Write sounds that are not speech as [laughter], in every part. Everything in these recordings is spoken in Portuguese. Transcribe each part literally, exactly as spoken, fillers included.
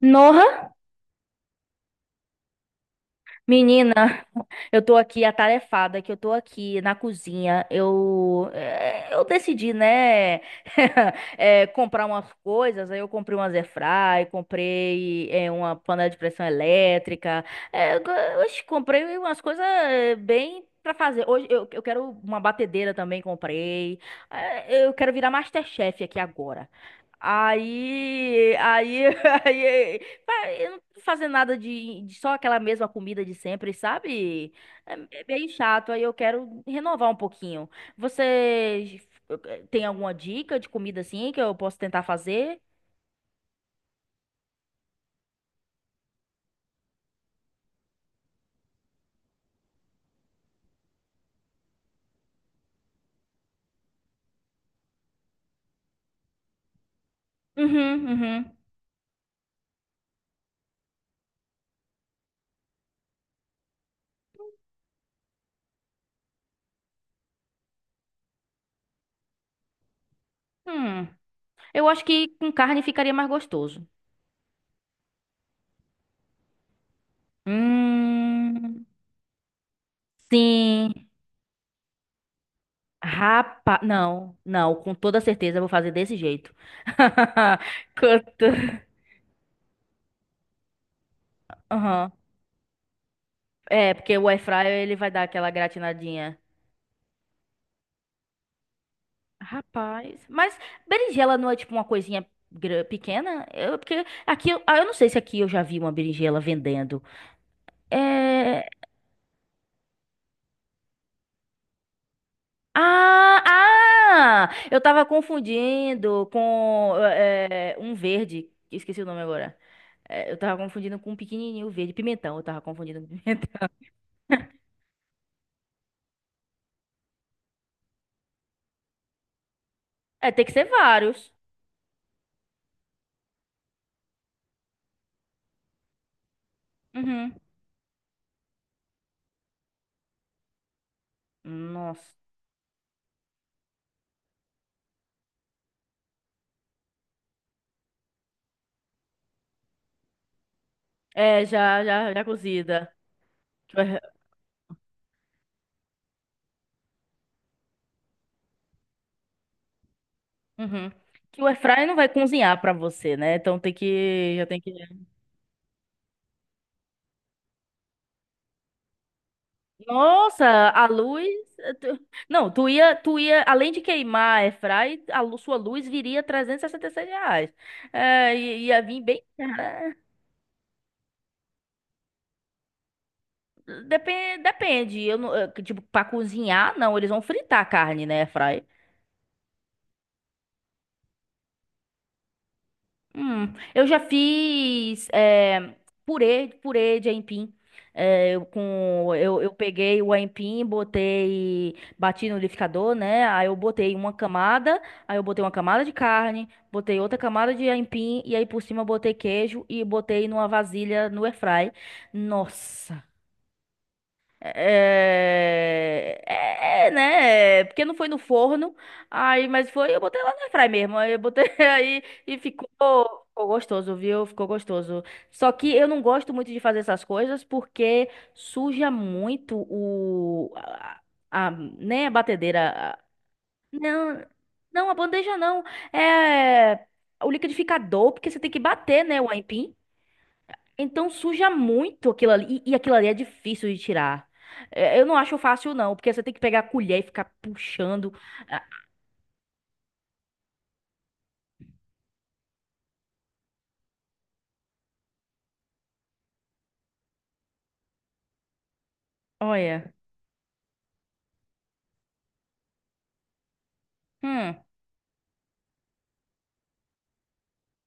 Nossa, menina, eu tô aqui atarefada, que eu tô aqui na cozinha. Eu, eh, eu decidi, né, [laughs] eh, comprar umas coisas. Aí eu comprei umas airfry, comprei eh, uma panela de pressão elétrica. eh, co- Oxe, comprei umas coisas eh, bem pra fazer. Hoje eu, eu quero uma batedeira também, comprei. Eh, eu quero virar MasterChef aqui agora. Aí, aí, [laughs] aí, eu não tô fazendo nada de de só aquela mesma comida de sempre, sabe? É é bem chato, aí eu quero renovar um pouquinho. Você, eh, tem alguma dica de comida assim que eu posso tentar fazer? Uhum, uhum. Hum, eu acho que com carne ficaria mais gostoso. Hum, sim. Rapaz, não, não, com toda certeza eu vou fazer desse jeito. [laughs] Com to- Aham. É, porque o air fryer ele vai dar aquela gratinadinha. Rapaz. Mas berinjela não é tipo uma coisinha gra- pequena? Eu, porque aqui, eu- ah, eu não sei se aqui eu já vi uma berinjela vendendo. É... Ah, ah! Eu tava confundindo com é, um verde. Esqueci o nome agora. É, eu tava confundindo com um pequenininho verde. Pimentão, eu tava confundindo com pimentão. [laughs] É, tem que ser vários. Uhum. Nossa. É, já, já, já cozida. Que o air- Uhum. Que o airfryer não vai cozinhar pra você, né? Então tem que, já tem que. Nossa, a luz. eh, tu- Não, tu ia, tu ia, além de queimar a airfry, a lu- sua luz viria trezentos e sessenta e seis reais. É, e- ia vir bem. Depende, depende. Eu não, eh, tipo, pra cozinhar, não, eles vão fritar a carne, né, airfry? Hum, eu já fiz eh, purê, purê de aipim. Eh, eu, com, eu, eu peguei o aipim, botei, bati no liquidificador, né? Aí eu botei uma camada, aí eu botei uma camada de carne, botei outra camada de aipim, e aí por cima eu botei queijo e botei numa vasilha no airfry. Nossa! É, é, é, né? É, porque não foi no forno, aí, mas foi, eu botei lá na fry mesmo. Aí eu botei [laughs] aí e ficou, ficou gostoso, viu? Ficou gostoso. Só que eu não gosto muito de fazer essas coisas porque suja muito o a, a- a- né, a batedeira. Não, não, a bandeja não. É o liquidificador, porque você tem que bater, né, o aipim. Então suja muito aquilo ali. E, e aquilo ali é difícil de tirar. É, eu não acho fácil, não, porque você tem que pegar a colher e ficar puxando. Ah, olha. Hum,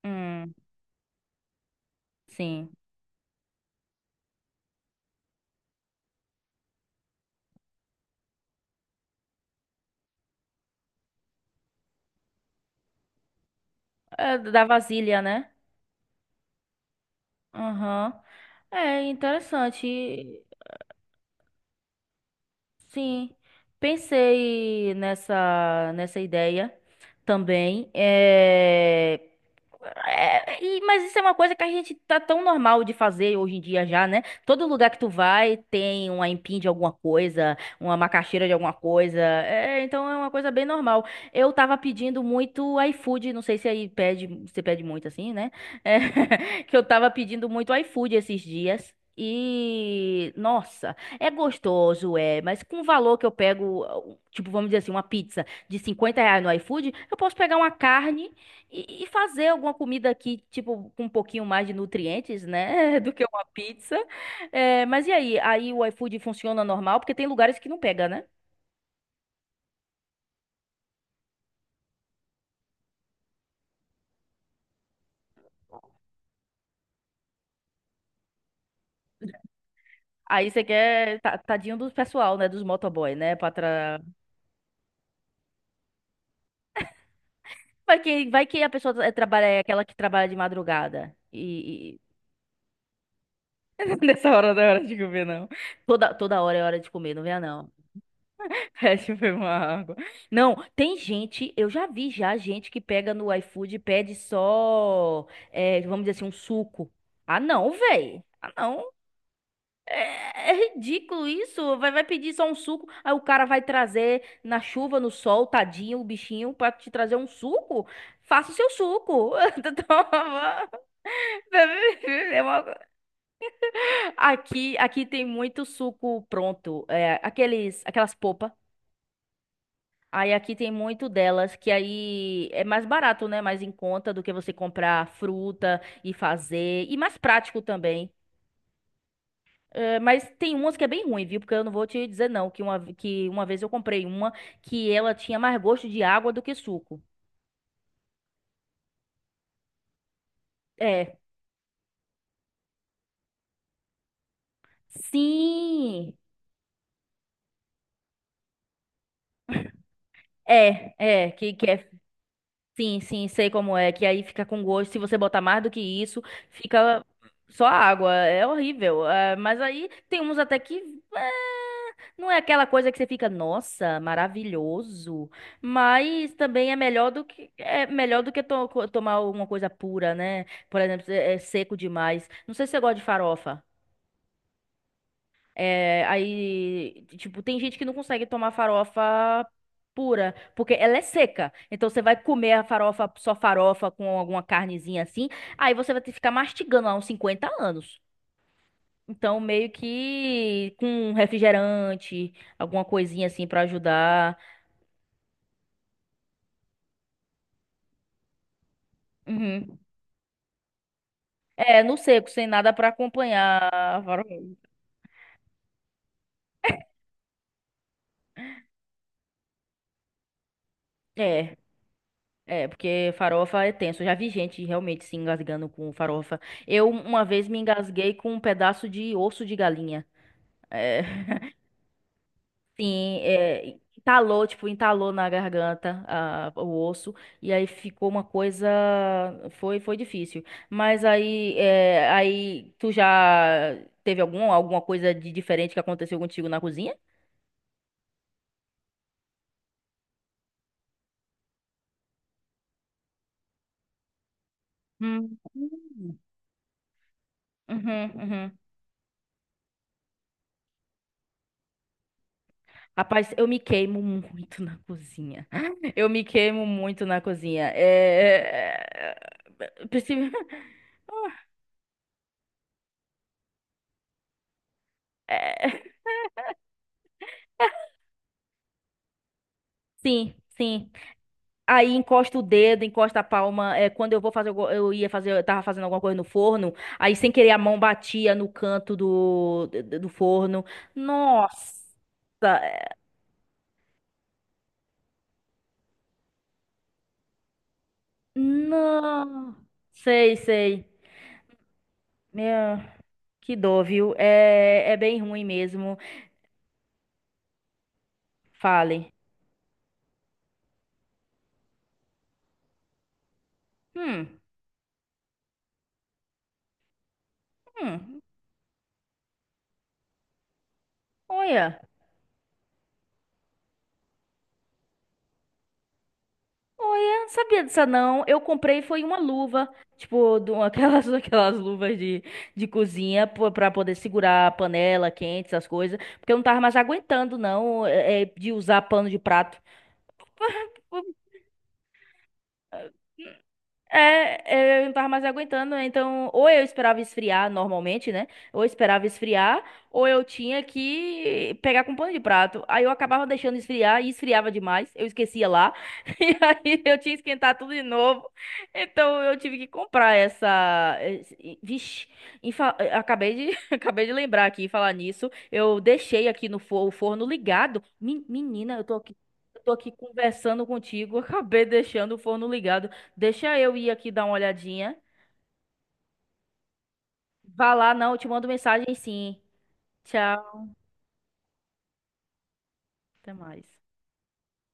hum, sim. É da vasilha, né? Aham. É interessante. Sim. Pensei nessa, nessa ideia também. É, É, e- mas isso é uma coisa que a gente tá tão normal de fazer hoje em dia já, né? Todo lugar que tu vai tem uma empim de alguma coisa, uma macaxeira de alguma coisa. É, então é uma coisa bem normal. Eu tava pedindo muito iFood, não sei se aí pede, você pede muito assim, né? É, [laughs] que eu tava pedindo muito iFood esses dias. E, nossa, é gostoso, é, mas com o valor que eu pego, tipo, vamos dizer assim, uma pizza de cinquenta reais no iFood, eu posso pegar uma carne e, e fazer alguma comida aqui, tipo, com um pouquinho mais de nutrientes, né? [laughs] Do que uma pizza. É, mas e aí? Aí o iFood funciona normal? Porque tem lugares que não pega, né? Aí você quer ta- tadinho do pessoal, né? Dos motoboy, né? Pra tra... Vai que, vai que a pessoa tra- trabalha, é aquela que trabalha de madrugada. E, e... [laughs] nessa hora não é hora de comer, não. Toda, toda hora é hora de comer, não venha não. Pede foi uma água. Não, tem gente, eu já vi já gente que pega no iFood e pede só, é, vamos dizer assim, um suco. Ah, não, véi. Ah, não. É, é ridículo isso. Vai, vai pedir só um suco, aí o cara vai trazer na chuva, no sol, tadinho, o bichinho, pra te trazer um suco. Faça o seu suco. [laughs] Toma. É uma- Aqui, aqui tem muito suco pronto. É, aqueles, aquelas popas. Aí aqui tem muito delas, que aí é mais barato, né? Mais em conta do que você comprar fruta e fazer. E mais prático também. É, mas tem umas que é bem ruim, viu? Porque eu não vou te dizer não, que uma, que uma vez eu comprei uma que ela tinha mais gosto de água do que suco. É. Sim! É, é, que, que é. Sim, sim, sei como é, que aí fica com gosto. Se você botar mais do que isso, fica só água. É horrível. É, mas aí tem uns até que. É, não é aquela coisa que você fica, nossa, maravilhoso. Mas também é melhor do que é melhor do que to- co- tomar alguma coisa pura, né? Por exemplo, é, é seco demais. Não sei se você gosta de farofa. É, aí, tipo, tem gente que não consegue tomar farofa pura, porque ela é seca. Então você vai comer a farofa, só farofa com alguma carnezinha assim, aí você vai ter que ficar mastigando lá uns cinquenta anos. Então, meio que com um refrigerante, alguma coisinha assim pra ajudar. Uhum. É, no seco, sem nada pra acompanhar a farofa. É. É, porque farofa é tenso. Eu já vi gente realmente se engasgando com farofa. Eu uma vez me engasguei com um pedaço de osso de galinha. É, [laughs] sim, é, entalou, tipo, entalou na garganta a- o osso. E aí ficou uma coisa. Foi, foi difícil. Mas aí, é, aí tu já teve algum, alguma coisa de diferente que aconteceu contigo na cozinha? Hum. Uhum, uhum. Rapaz, eu me queimo muito na cozinha. [laughs] Eu me queimo muito na cozinha. É... é, princi- [laughs] é, sim, sim. Aí encosta o dedo, encosta a palma. É, quando eu vou fazer, algu- eu ia fazer, eu tava fazendo alguma coisa no forno. Aí sem querer a mão batia no canto do, do do forno. Nossa, é, não. Sei, sei. Meu, que dor, viu? É, é bem ruim mesmo. Fale. Hum. Hum, olha, olha, sabia disso não. Eu comprei foi uma luva, tipo, de uma- aquelas, [laughs] aquelas luvas de, de cozinha pô- pra poder segurar a panela quente, essas coisas, porque eu não tava mais aguentando não, é, é, de usar pano de prato. É, é, eu não tava mais aguentando, né? Então ou eu esperava esfriar normalmente, né? Ou eu esperava esfriar, ou eu tinha que pegar com um pano de prato. Aí eu acabava deixando esfriar e esfriava demais, eu esquecia lá. [laughs] E aí eu tinha que esquentar tudo de novo. Então eu tive que comprar essa. esse- Vixe, em fa- eh, acabei de, [laughs] acabei de lembrar aqui, falar nisso. Eu deixei aqui no forno o forno ligado. Men- Menina, eu tô aqui, eu tô aqui conversando contigo, [laughs] acabei deixando o forno ligado. Deixa eu ir aqui dar uma olhadinha. Vá lá, não, eu te mando mensagem sim. Tchau, até mais.